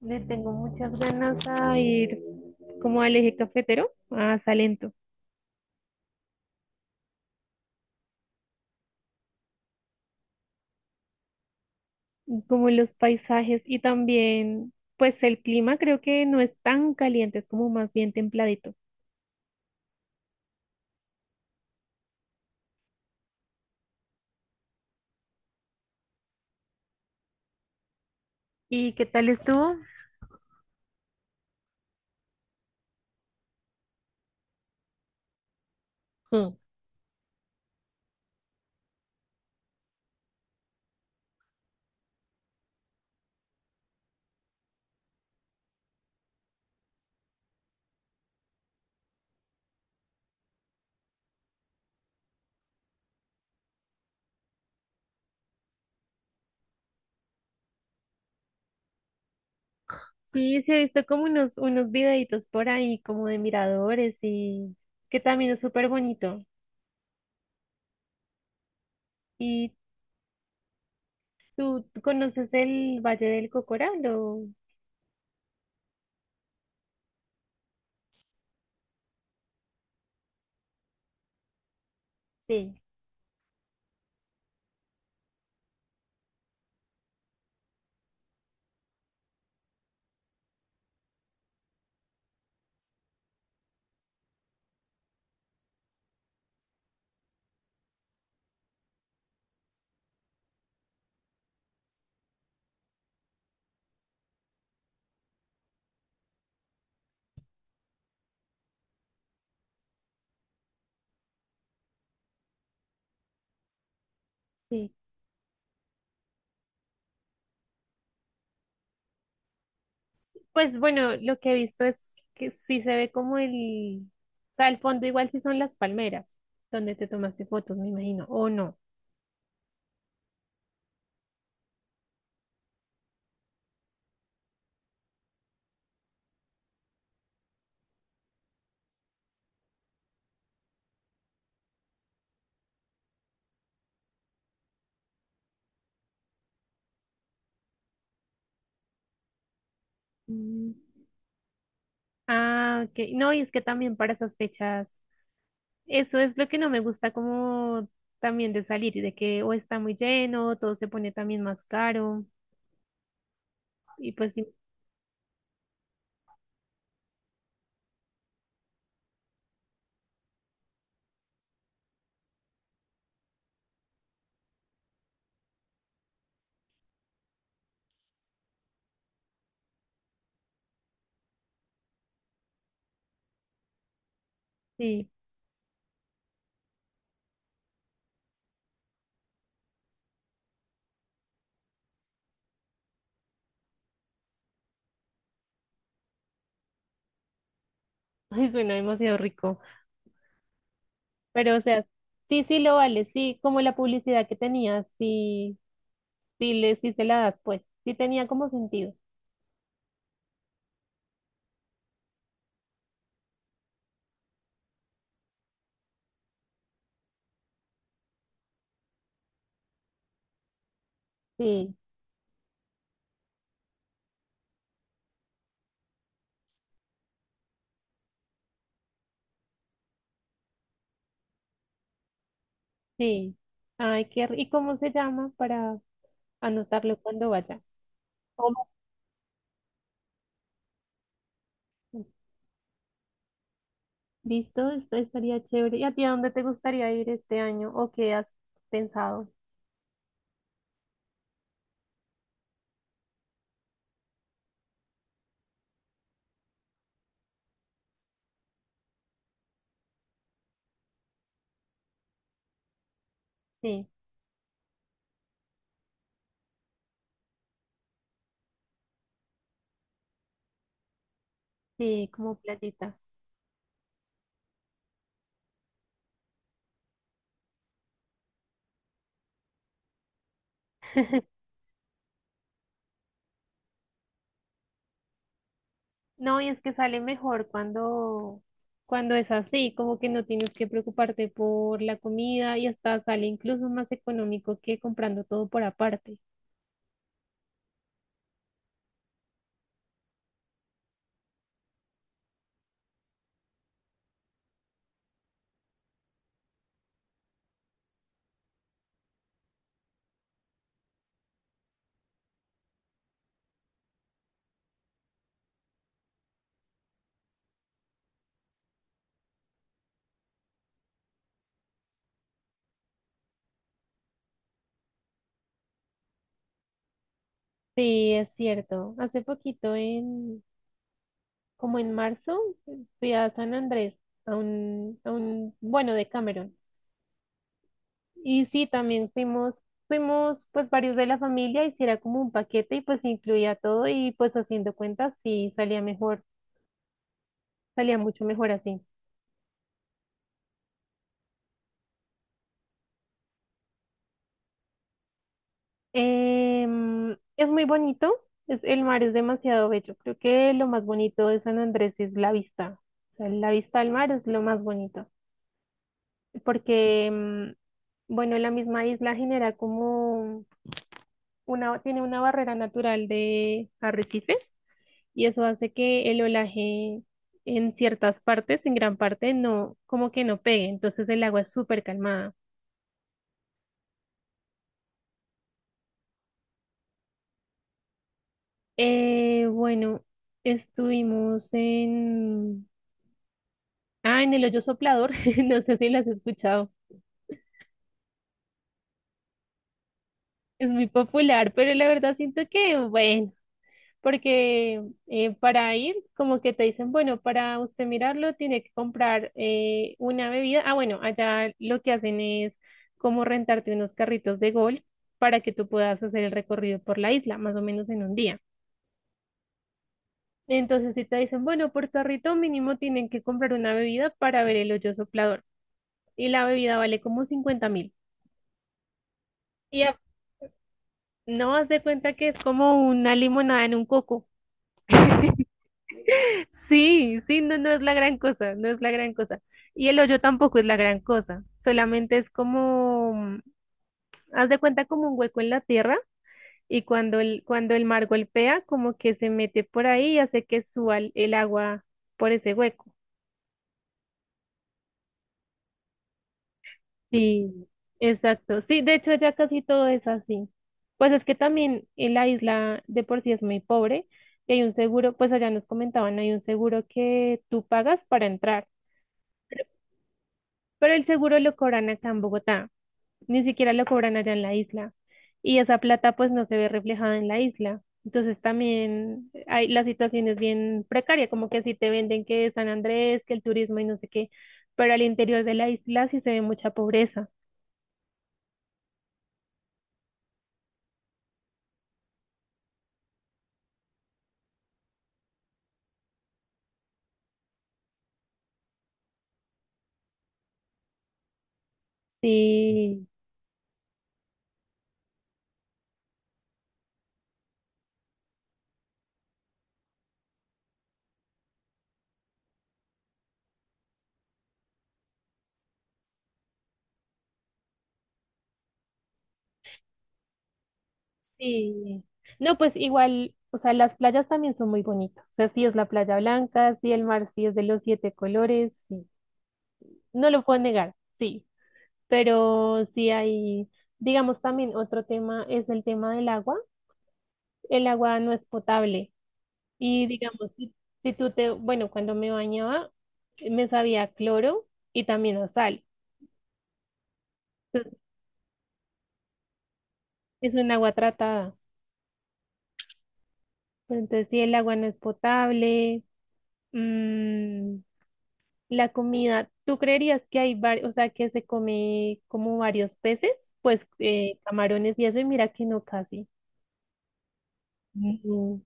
Le tengo muchas ganas a ir como al eje cafetero, a Salento, como los paisajes y también, pues el clima creo que no es tan caliente, es como más bien templadito. ¿Y qué tal estuvo? Sí, sí, he visto como unos, videitos por ahí, como de miradores, y que también es súper bonito. ¿Y tú conoces el Valle del Cocora? Lo... Sí. Sí. Pues bueno, lo que he visto es que sí se ve como el, o sea, el fondo igual sí son las palmeras donde te tomaste fotos, me imagino, o no. Mm. Ah, ok. No, y es que también para esas fechas, eso es lo que no me gusta, como también de salir, de que o está muy lleno, todo se pone también más caro, y pues sí, sí. Ay, suena demasiado rico, pero, o sea, sí, sí lo vale, sí, como la publicidad que tenía, sí, sí, le, sí se la das, pues, sí tenía como sentido, sí. Sí. Ay, qué... ¿Y cómo se llama para anotarlo cuando vaya? Como- Listo, esto estaría chévere. ¿Y a ti a dónde te gustaría ir este año o qué has pensado? Sí, sí, como playita. No, y es que sale mejor cuando es así, como que no tienes que preocuparte por la comida y hasta sale incluso más económico que comprando todo por aparte. Sí, es cierto. Hace poquito en, como en marzo, fui a San Andrés, a un, bueno, de Cameron. Y sí, también fuimos pues varios de la familia, y sí era como un paquete y pues incluía todo y pues haciendo cuentas sí salía mejor, salía mucho mejor así. Es muy bonito, es, el mar es demasiado bello. Creo que lo más bonito de San Andrés es la vista. O sea, la vista al mar es lo más bonito, porque, bueno, la misma isla genera como una, tiene una barrera natural de arrecifes, y eso hace que el olaje en ciertas partes, en gran parte, no, como que no pegue. Entonces el agua es súper calmada. Bueno, estuvimos en... Ah, en el hoyo soplador, no sé si lo has escuchado. Es muy popular, pero la verdad siento que, bueno, porque, para ir, como que te dicen, bueno, para usted mirarlo tiene que comprar, una bebida. Ah, bueno, allá lo que hacen es como rentarte unos carritos de golf para que tú puedas hacer el recorrido por la isla, más o menos en un día. Entonces, si te dicen, bueno, por carrito mínimo tienen que comprar una bebida para ver el hoyo soplador. Y la bebida vale como 50.000. Y a- no vas de cuenta que es como una limonada en un coco. Sí, sí, no, no es la gran cosa, no es la gran cosa. Y el hoyo tampoco es la gran cosa, solamente es como, haz de cuenta como un hueco en la tierra y cuando el mar golpea, como que se mete por ahí y hace que suba el agua por ese hueco. Sí, exacto. Sí, de hecho ya casi todo es así. Pues es que también en la isla de por sí es muy pobre y hay un seguro, pues allá nos comentaban, hay un seguro que tú pagas para entrar, pero el seguro lo cobran acá en Bogotá. Ni siquiera lo cobran allá en la isla, y esa plata pues no se ve reflejada en la isla. Entonces también hay, la situación es bien precaria, como que así te venden que San Andrés, que el turismo y no sé qué, pero al interior de la isla sí se ve mucha pobreza. Sí, sí. No, pues igual, o sea, las playas también son muy bonitas. O sea, sí es la playa blanca, sí el mar sí es de los siete colores, sí. No lo puedo negar, sí, pero sí hay... Digamos también otro tema es el tema del agua. El agua no es potable. Y digamos, si, si tú te, bueno, cuando me bañaba, me sabía a cloro y también a sal. Entonces, es un agua tratada. Pero entonces, si el agua no es potable, mm, la comida, ¿tú creerías que hay varios, o sea, que se come como varios peces? Pues, camarones y eso, y mira que no casi. Mm.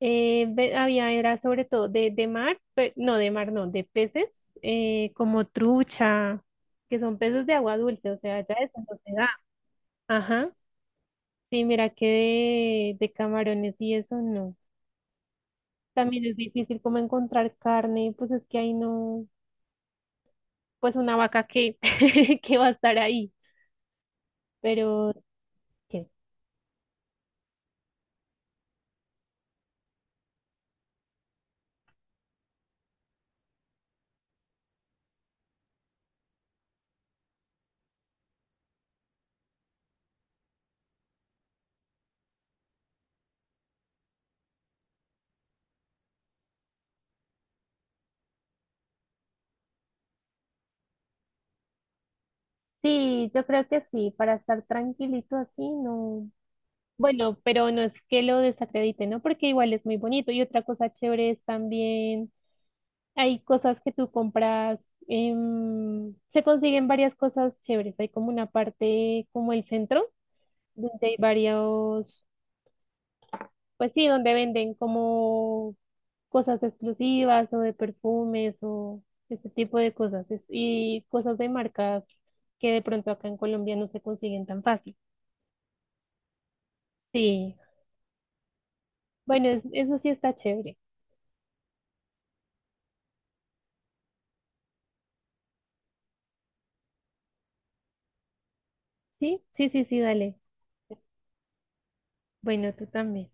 Había, era sobre todo de mar, no, de mar no, de peces, como trucha, que son peces de agua dulce, o sea, ya eso no se da. Ajá, sí, mira que de camarones y eso no. También es difícil como encontrar carne, pues es que ahí no, pues una vaca que, que va a estar ahí, pero ¿qué? Sí, yo creo que sí, para estar tranquilito así, no. Bueno, pero no es que lo desacredite, ¿no? Porque igual es muy bonito. Y otra cosa chévere es también, hay cosas que tú compras, se consiguen varias cosas chéveres. Hay como una parte, como el centro, donde hay varios, pues sí, donde venden como cosas exclusivas o de perfumes o ese tipo de cosas. Y cosas de marcas que de pronto acá en Colombia no se consiguen tan fácil. Sí, bueno, eso sí está chévere. Sí, sí, sí, sí, dale. Bueno, tú también.